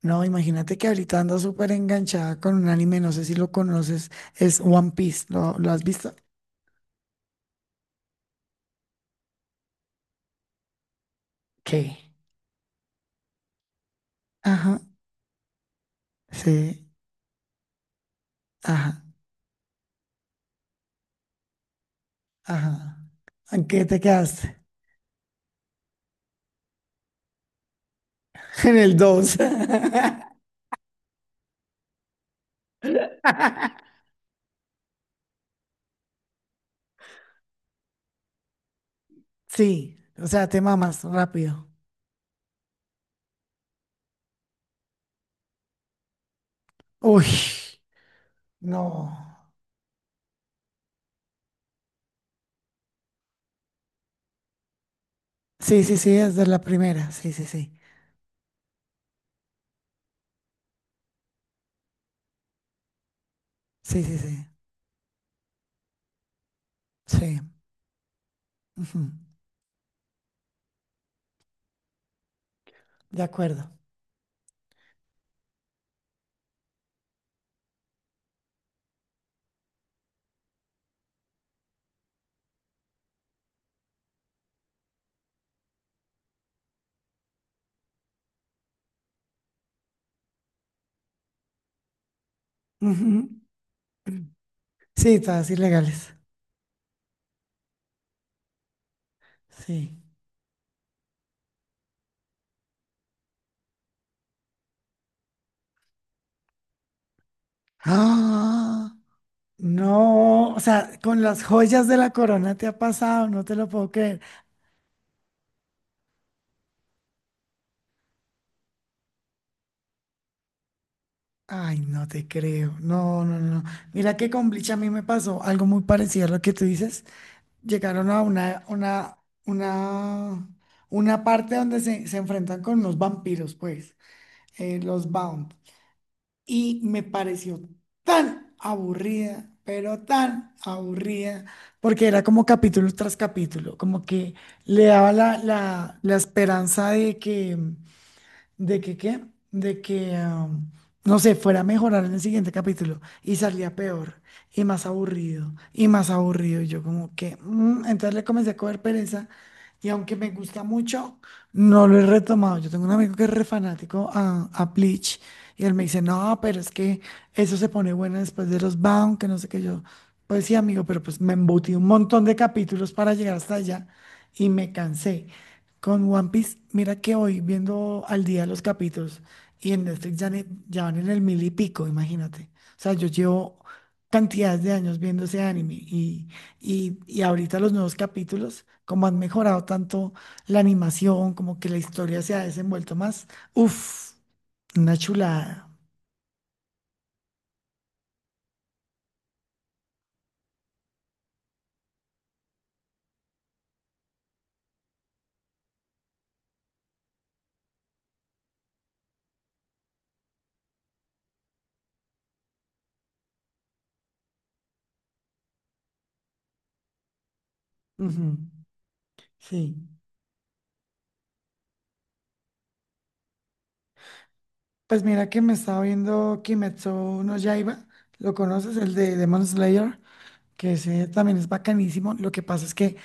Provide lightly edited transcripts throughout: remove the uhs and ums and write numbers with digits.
No, imagínate que ahorita ando súper enganchada con un anime, no sé si lo conoces, es One Piece, ¿lo has visto? ¿Qué? Ajá, sí, ajá, ajá. ¿En qué te quedaste? En el dos. Sí, o sea, te mamas rápido. Uy, no. Sí, sí, sí, es de la primera, sí, sí, sí, sí, sí, sí, sí, ujú. De acuerdo. Ujú. Sí, todas ilegales, sí. ¡Ah! No, o sea, con las joyas de la corona te ha pasado, no te lo puedo creer. Ay, no te creo. No, no, no. Mira que con Bleach a mí me pasó algo muy parecido a lo que tú dices. Llegaron a una, una parte donde se enfrentan con los vampiros, pues, los Bound, y me pareció tan aburrida, pero tan aburrida, porque era como capítulo tras capítulo, como que le daba la esperanza de que qué, de que, no sé, fuera a mejorar en el siguiente capítulo y salía peor y más aburrido y más aburrido. Y yo como que, entonces le comencé a coger pereza y aunque me gusta mucho, no lo he retomado. Yo tengo un amigo que es re fanático a Bleach y él me dice, no, pero es que eso se pone bueno después de los Bound, que no sé qué yo. Pues sí, amigo, pero pues me embutí un montón de capítulos para llegar hasta allá y me cansé. Con One Piece, mira que hoy viendo al día los capítulos y en Netflix ya, ya van en el mil y pico, imagínate. O sea, yo llevo cantidades de años viendo ese anime y, ahorita los nuevos capítulos, como han mejorado tanto la animación, como que la historia se ha desenvuelto más. Uf, una chulada. Ujú. Sí. Pues mira que me estaba viendo Kimetsu no Yaiba, ¿lo conoces? El de Demon Slayer, que ese también es bacanísimo. Lo que pasa es que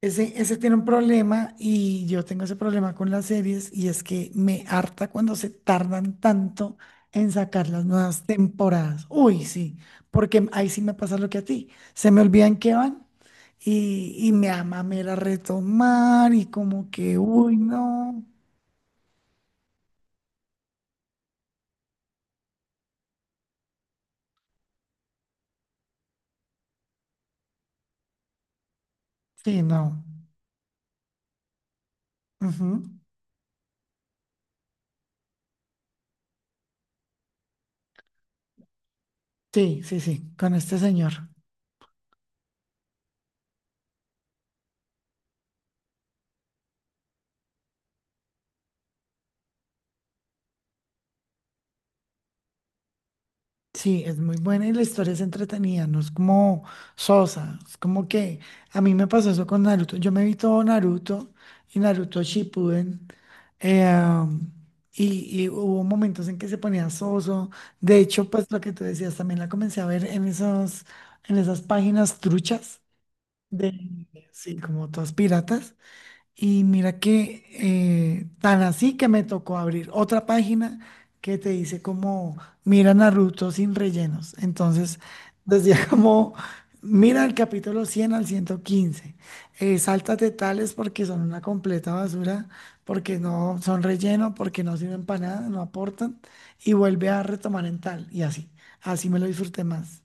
ese tiene un problema y yo tengo ese problema con las series y es que me harta cuando se tardan tanto en sacar las nuevas temporadas. Uy, sí, porque ahí sí me pasa lo que a ti. Se me olvidan que van y, me da mamera retomar y como que, uy, no. Sí, no. Ujú. Sí, sí, sí, con este señor. Sí, es muy buena y la historia es entretenida, no es como sosa, es como que a mí me pasó eso con Naruto. Yo me vi todo Naruto y Naruto Shippuden, eh, y hubo momentos en que se ponía soso. De hecho, pues lo que tú decías también la comencé a ver en en esas páginas truchas de, sí, como todas piratas. Y mira que tan así que me tocó abrir otra página que te dice como mira Naruto sin rellenos. Entonces decía como mira el capítulo 100 al 115. Sáltate tales porque son una completa basura, porque no son relleno, porque no sirven para nada, no aportan. Y vuelve a retomar en tal. Y así me lo disfruté más.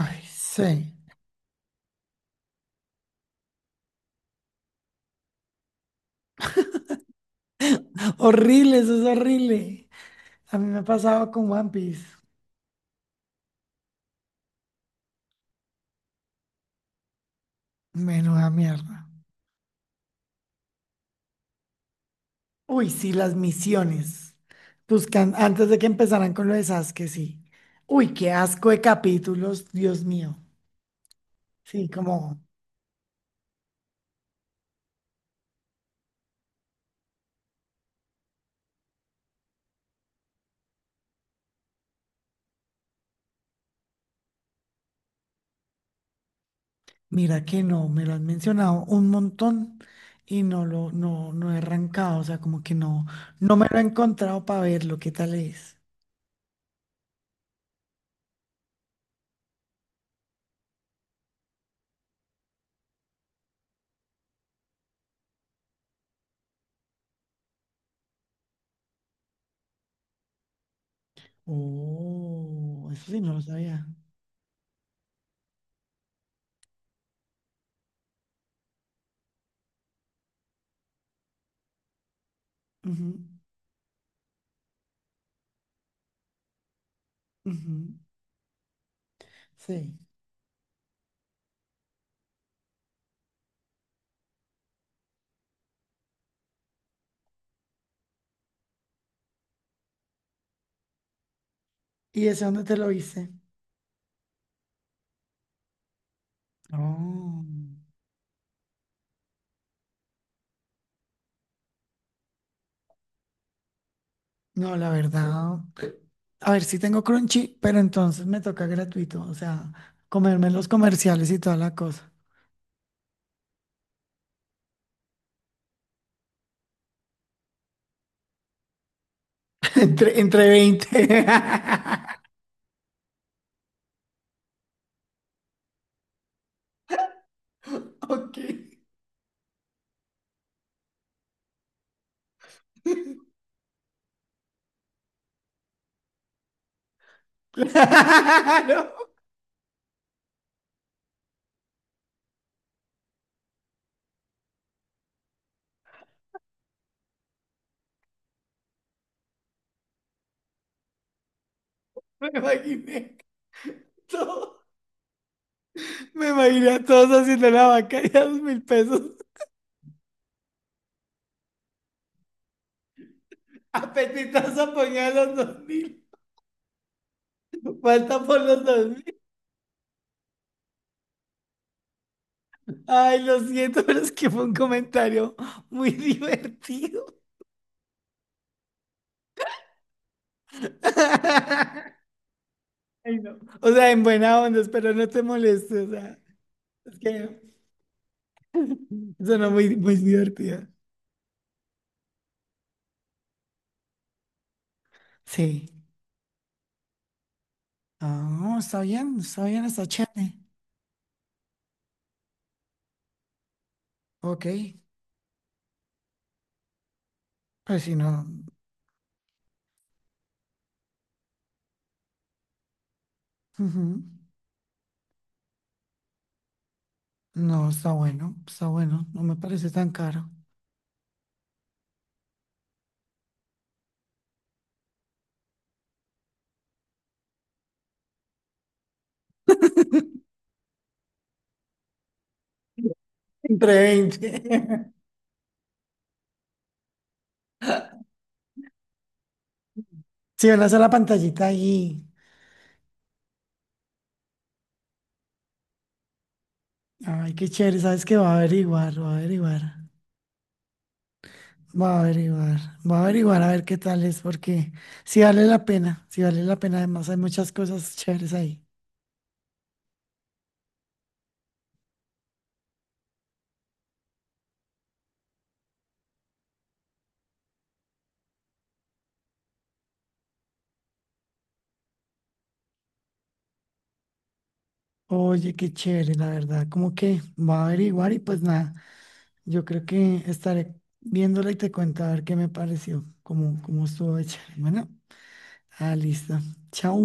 Ay, sí. Horrible, eso es horrible. A mí me ha pasado con One Piece. Menuda mierda. Uy, sí, las misiones. Buscan, antes de que empezaran con lo de Sasuke, sí. Uy, qué asco de capítulos, Dios mío. Sí, como, mira que no, me lo han mencionado un montón y no lo, no, no he arrancado, o sea, como que no, no me lo he encontrado para verlo, qué tal es. Oh, eso sí, no lo sabía. Ujú, ujú. Sí. ¿Y ese dónde te lo hice? Oh. No, la verdad. A ver, sí tengo Crunchy, pero entonces me toca gratuito, o sea, comerme los comerciales y toda la cosa. Entre 20. Ok. Claro, me imaginé todo. Me imaginé a todos haciendo la vaca y a 2.000 pesos. Apetitoso ponía los 2.000. Falta por los 2.000. Ay, lo siento, pero es que fue un comentario muy divertido. Ay, no. O sea, en buena onda, espero no te moleste, o sea. Es que suena muy, muy divertida. Sí. Ah, no está bien, está bien, está chévere. Ok. Pues si no. Ujú. No, está bueno, está bueno. No me parece tan caro. Entre 20. Si van a hacer la pantallita ahí. Ay, qué chévere. Sabes que va a averiguar, va a averiguar. Va a averiguar, va a averiguar a ver qué tal es, porque si vale la pena, si vale la pena. Además, hay muchas cosas chéveres ahí. Oye, qué chévere, la verdad. Como que va a averiguar y pues nada. Yo creo que estaré viéndola y te cuento a ver qué me pareció, cómo estuvo hecha. Bueno, listo. Chao.